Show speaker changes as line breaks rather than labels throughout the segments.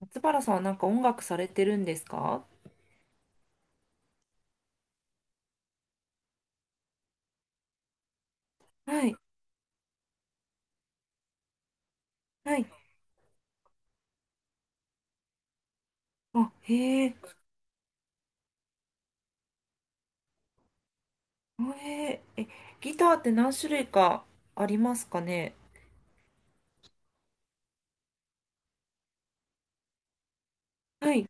松原さんはなんか音楽されてるんですか？はい。はい。あ、へえ。へえ。え、ギターって何種類かありますかね？はい。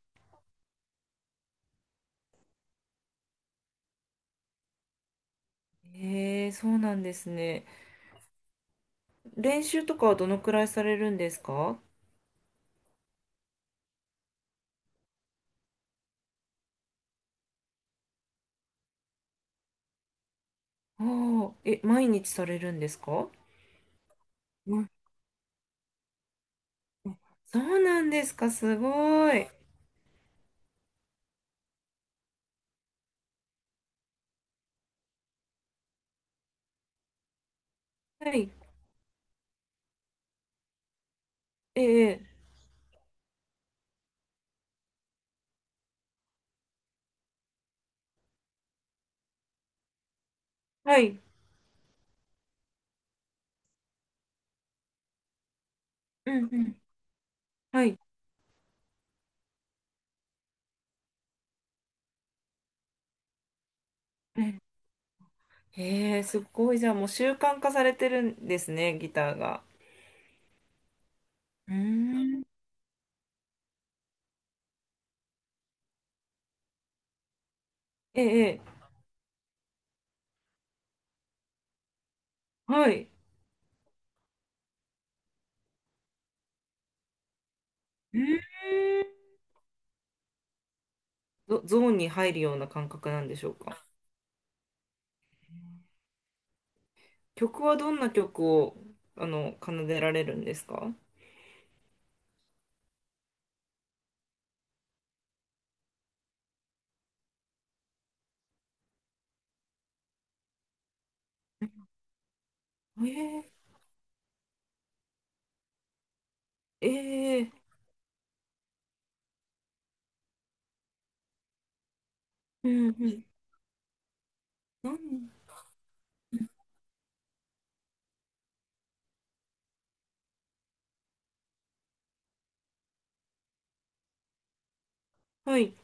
へえ、そうなんですね。練習とかはどのくらいされるんですか？ああ、え、毎日されるんですか？うん、そうなんですか、すごい。はい。ええ、はい。うんうん。はい。うん。へえ、すごい。じゃあもう習慣化されてるんですね、ギターが。うーん。ええ、ええ。はい。うーん。ゾーンに入るような感覚なんでしょうか？曲はどんな曲を奏でられるんですか？えー、えー、うんうん、なん、はい、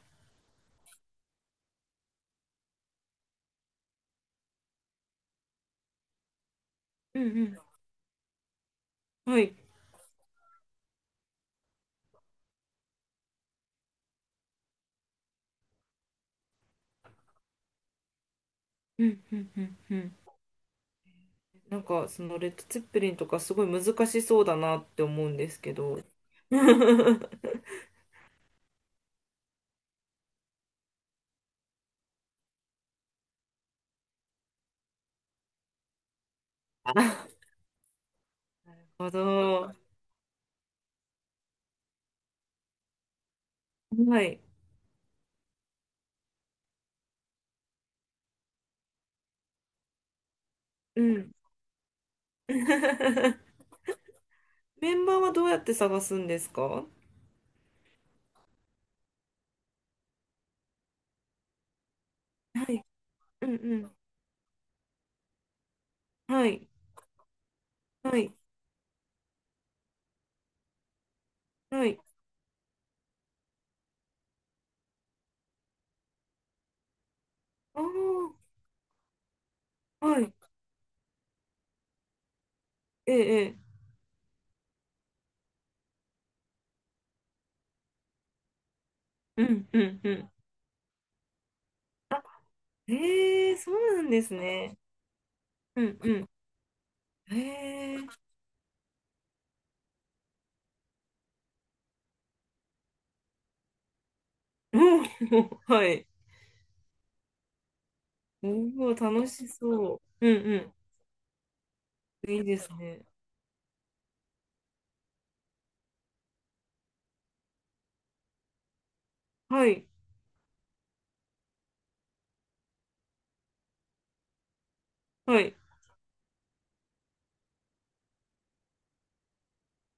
うんうん、はい、うんうんうんうん。なんかそのレッド・ツェッペリンとかすごい難しそうだなって思うんですけど。あなるほど。はい、うん。メンバーはどうやって探すんですか？はい、うんうん、はい、はい、はい。ああ。はい。ええ、ええ。うん、うん、うん。ええ、そうなんですね。うん、うん。ええ。おお、はい。おお、楽しそう。うん、うん。いいですね。はい、はい。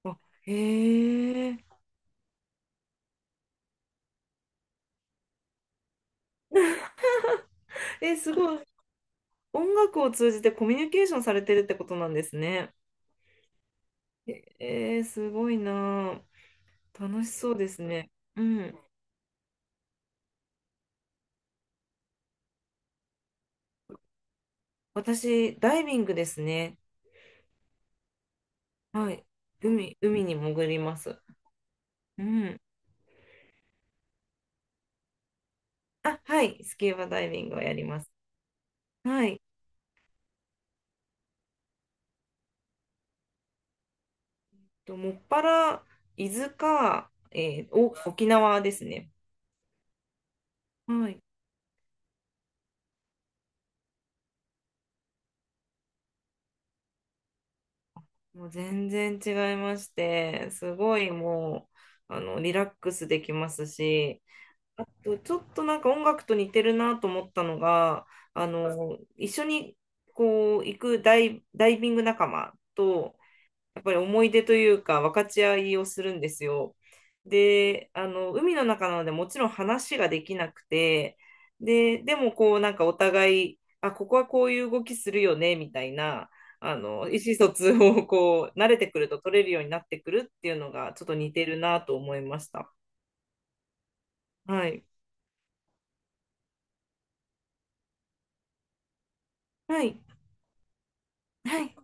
あ、へえ。え、すごい。音楽を通じてコミュニケーションされてるってことなんですね。えー、すごいなあ。楽しそうですね。うん。私、ダイビングですね。はい。海に潜ります。うん。あ、はい、スキューバダイビングをやります。はい。と、もっぱら、伊豆か、えーお、沖縄ですね。はい。もう全然違いまして、すごいもう、あの、リラックスできますし、あと、ちょっとなんか音楽と似てるなと思ったのが、あの、一緒にこう、行くダイビング仲間と、やっぱり思い出というか分かち合いをするんですよ。で、あの、海の中なのでもちろん話ができなくて、で、でもこうなんかお互い、あ、ここはこういう動きするよね、みたいな、あの、意思疎通をこう慣れてくると取れるようになってくるっていうのがちょっと似てるなと思いました。はい。はい。はい。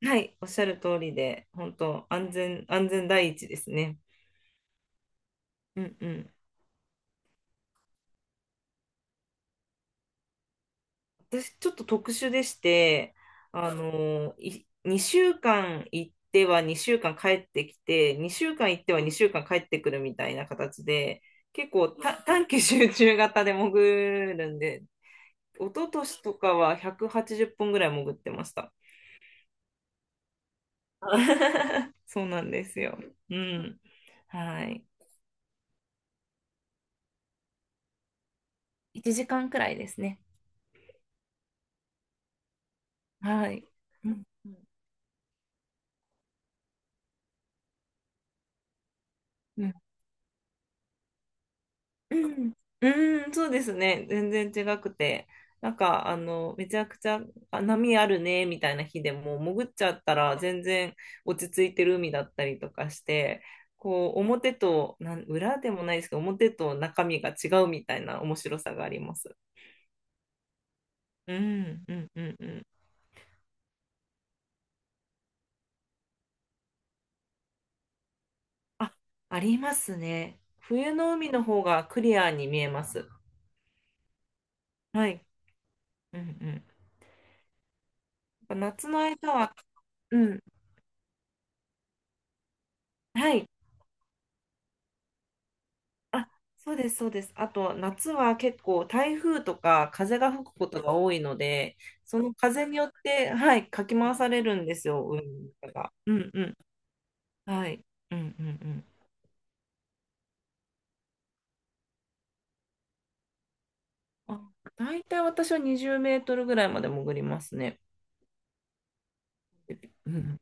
はい。おっしゃる通りで、本当安全第一ですね。うんうん。私ちょっと特殊でして、2週間行っては2週間帰ってきて、2週間行っては2週間帰ってくるみたいな形で、結構短期集中型で潜るんで、一昨年とかは180本ぐらい潜ってました。そうなんですよ。うん。はい。1時間くらいですね。はい。うんうんうん、うん、そうですね。全然違くて。なんか、あの、めちゃくちゃ、あ、波あるね、みたいな日でも、潜っちゃったら全然落ち着いてる海だったりとかして、こう、表と、なん、裏でもないですけど、表と中身が違うみたいな面白さがあります。うん、うん、うん、うん。あ、ありますね。冬の海の方がクリアに見えます。はい。うん、うん。やっぱ夏の間は、うん、はい。あ、そうです。あと、夏は結構台風とか風が吹くことが多いので、その風によって、はい、かき回されるんですよ、海が。うんうん。はい。うんうんうん。あ、大体私は20メートルぐらいまで潜りますね。うん、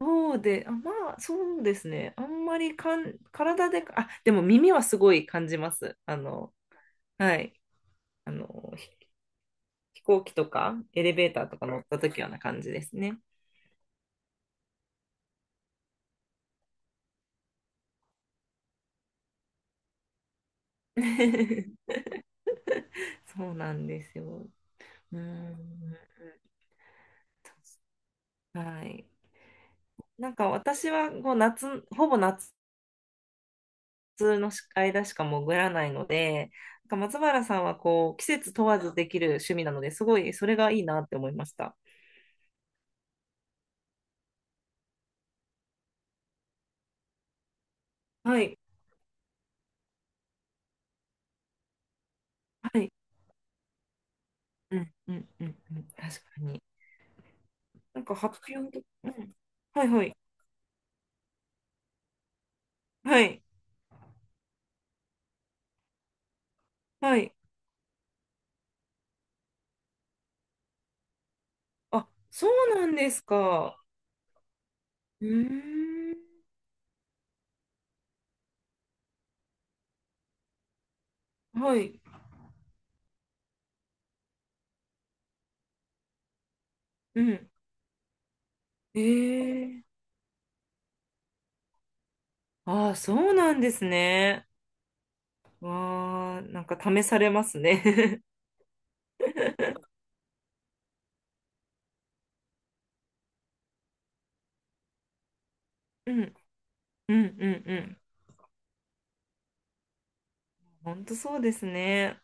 そうで、あ、まあ、そうですね。あんまりかん、体で、あ、でも耳はすごい感じます。あの、はい。あの、ひ飛行機とかエレベーターとか乗った時はな感じですね。そうなんですよ。うん。はい。なんか私はこう夏、ほぼ夏の間しか潜らないので、なんか松原さんはこう季節問わずできる趣味なので、すごいそれがいいなって思いました。はい。はい。うんうんうんうん。確かに。なんか発表と、うん。はいはい。はい。はい。あ、そうなんですか。うーん。はい。うん。ええ。ああ、そうなんですね。わあ、なんか試されますね。うん、うん、うん、うん。本当そうですね。